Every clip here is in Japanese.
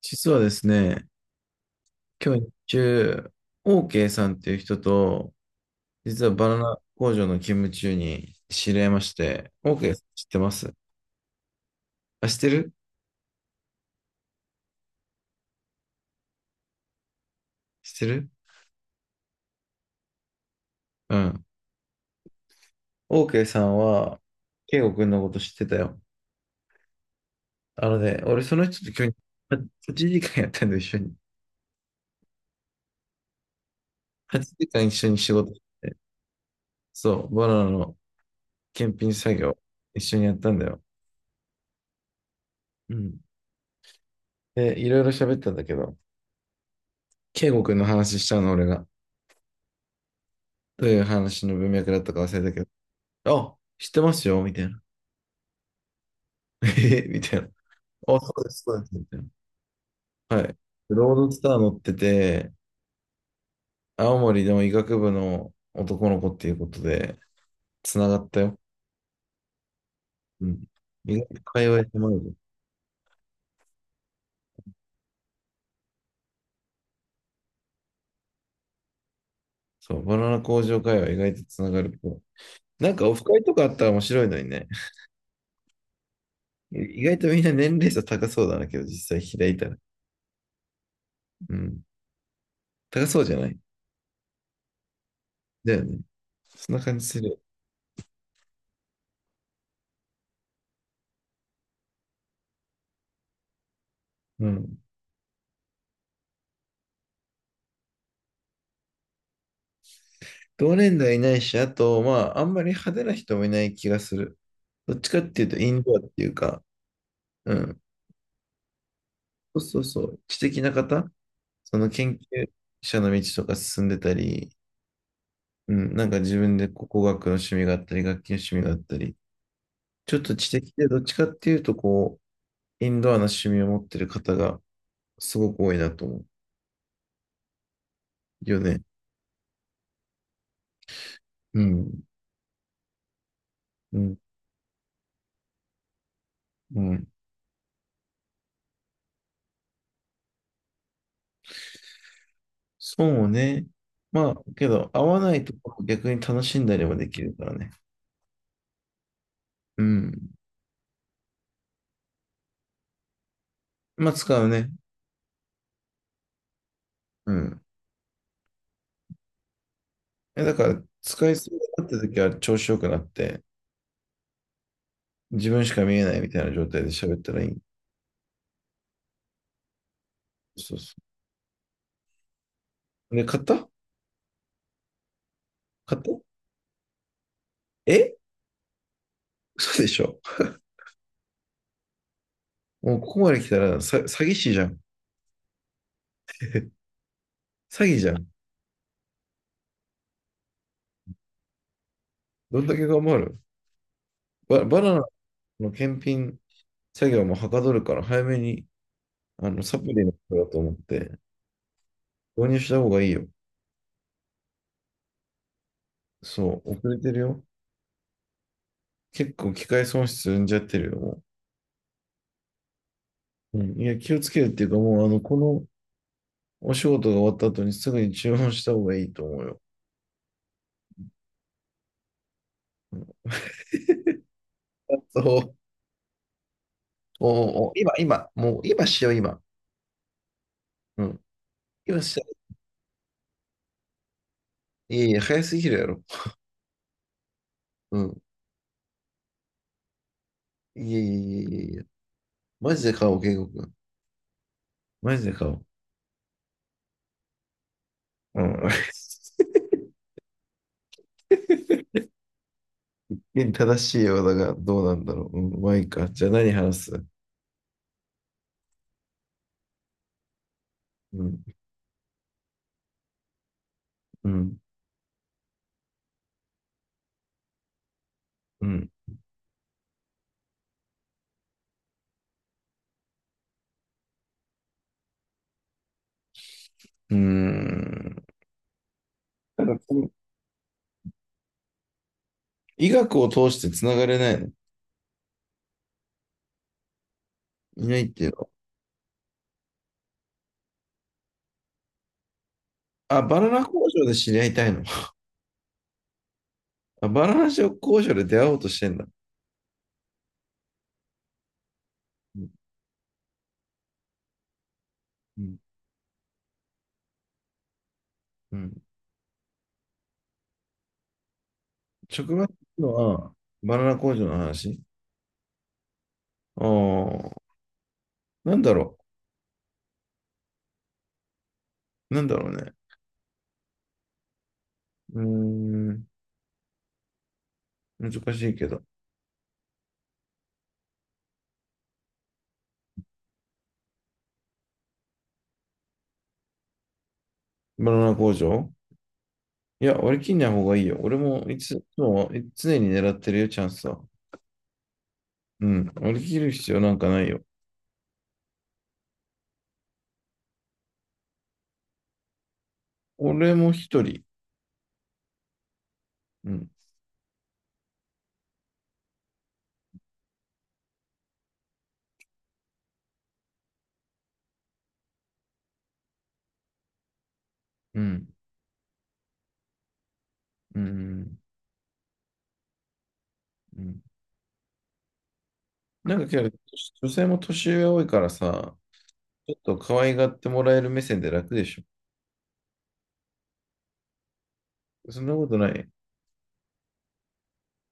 実はですね、今日日中、OK さんっていう人と、実はバナナ工場の勤務中に知り合いまして、OK さん知ってます？あ、知ってる知ってる。うん。OK さんは、圭吾んのこと知ってたよ。あのね、俺その人と今日8時間やったんだよ、一緒に。8時間一緒に仕事、そう、バナナの検品作業、一緒にやったんだよ。うん。で、いろいろ喋ったんだけど、圭吾んの話したの、俺が。どういう話の文脈だったか忘れたけど、あ、知ってますよ、みたいな。えみたいな。あ、そうです、そうです、みたいな。はい。ロードスター乗ってて、青森の医学部の男の子っていうことで、つながったよ。うん。意外と会話狭いぞ。そう、バナナ工場会話意外とつながる。なんかオフ会とかあったら面白いのにね。意外とみんな年齢差高そうだなけど、実際開いたら。うん。高そうじゃない？だよね。そんな感じする。うん。同年代いないし、あと、まあ、あんまり派手な人もいない気がする。どっちかっていうと、インドアっていうか、うん。そうそうそう。知的な方、その研究者の道とか進んでたり、うん。なんか自分でこう工学の趣味があったり、楽器の趣味があったり、ちょっと知的で、どっちかっていうと、こう、インドアな趣味を持ってる方がすごく多いなと思うよね。うん。うん。うん。そうね。まあ、けど、合わないところを逆に楽しんだりもできるからね。うん。まあ使うね。うん。え、だから、使いそうになった時は調子よくなって、自分しか見えないみたいな状態で喋ったらいい。そうそう。で、買った買った？え？嘘でしょ？もうここまで来たらさ、詐欺師じゃん。詐欺じゃん。どんだけ頑張る？バナナの検品作業もはかどるから、早めに、あの、サプリのことだと思って、導入した方がいいよ。そう、遅れてるよ。結構機械損失生んじゃってるよ、もう。うん、いや、気をつけるっていうか、もう、あの、この、お仕事が終わった後にすぐに注文した方がいいと思うよ。そう。おお今、今、もう今しよう、今。うん。今しよう。いやいや、早すぎるやろ。うん。いやいやいやいやいや。マジで買おう、健吾君。マジで買おう。うん。正しいようだが、どうなんだろう。うん、まあいいか。じゃあ何話す？うん、うん、うん、うーん。なんかこの医学を通してつながれないの？いないっていうの？あ、バナナ工場で知り合いたいの？あ、バナナ交渉で出会おうとしてんだ。うんうんうん。職場っていうのは、バナナ工場の話？ああ、なんだろう。なんだろうね。うーん。難しいけど。バナナ工場いや、割り切んない方がいいよ。俺もいつもい常に狙ってるよ、チャンスは。うん。割り切る必要なんかないよ。俺も一人。うん。うん。うん。うん。なんかけど、女性も年上多いからさ、ちょっと可愛がってもらえる目線で楽でしょ。そんなことない？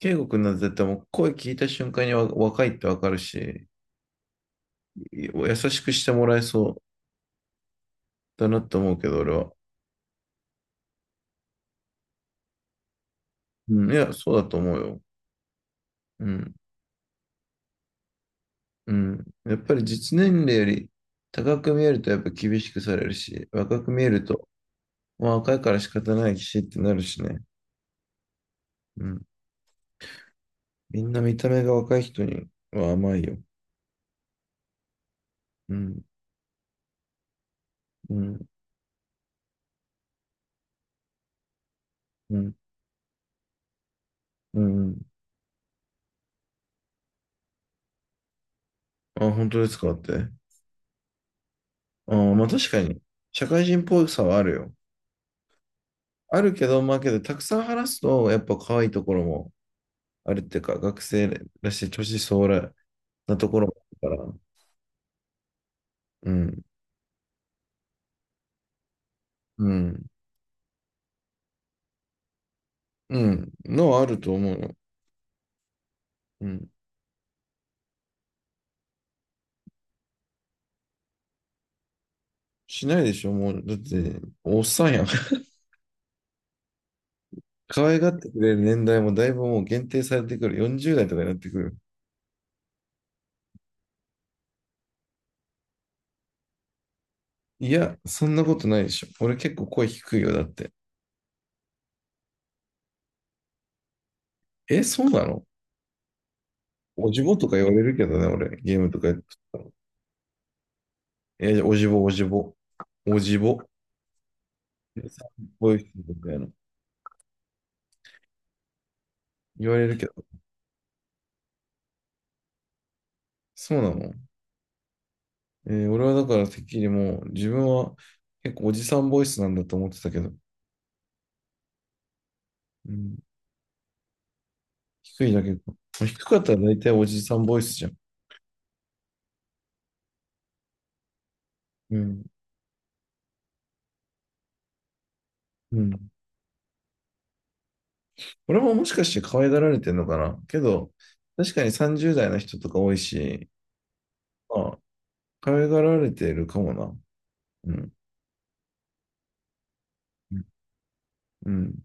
圭吾君なんて絶対もう声聞いた瞬間にわ若いってわかるし、優しくしてもらえそうだなと思うけど、俺は。うん、いや、そうだと思うよ。うん、うん。やっぱり実年齢より高く見えるとやっぱ厳しくされるし、若く見えると、まあ若いから仕方ないしってなるしね。うん。みんな見た目が若い人には甘いよ。うん、うん、うん、うん。あ、本当ですかって。あ、まあ確かに、社会人っぽさはあるよ。あるけど、まあけど、たくさん話すと、やっぱ可愛いところもあるっていうか、学生らしい年相応なところもあるから、うん、うん、うん、のはあると思うよ。うん。しないでしょ、もう。だって、おっさんやん。可愛がってくれる年代もだいぶもう限定されてくる。40代とかになってくる。いや、そんなことないでしょ。俺結構声低いよ、だって。え、そうなの？おじぼとか言われるけどね、俺。ゲームとかやってたら。え、おじぼ、おじぼ。おじぼ。こういう人みたいな。言われるけど、そうなの？えー俺はだからてっきりもう自分は結構おじさんボイスなんだと思ってたけど、うん、低いだけか。低かったら大体おじさんボイスじゃん。うん。うん。俺ももしかして可愛がられてんのかなけど、確かに30代の人とか多いし、まあ、可愛がられてるかもな。うん。うん。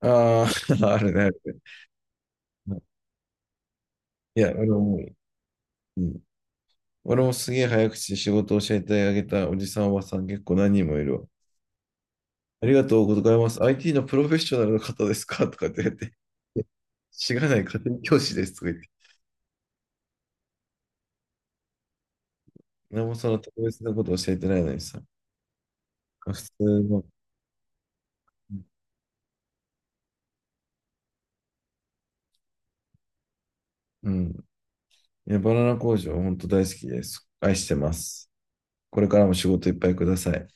ああ、あるね、あるね。うん、いや、俺も、うん、俺もすげえ早口で仕事を教えてあげたおじさん、おばさん結構何人もいるわ。ありがとうございます。IT のプロフェッショナルの方ですかとかって言って、知らない家庭教師ですとか言って、何もその特別なこと教えてないのにさ、普通の、うん。いや、バナナ工場、本当大好きです。愛してます。これからも仕事いっぱいください。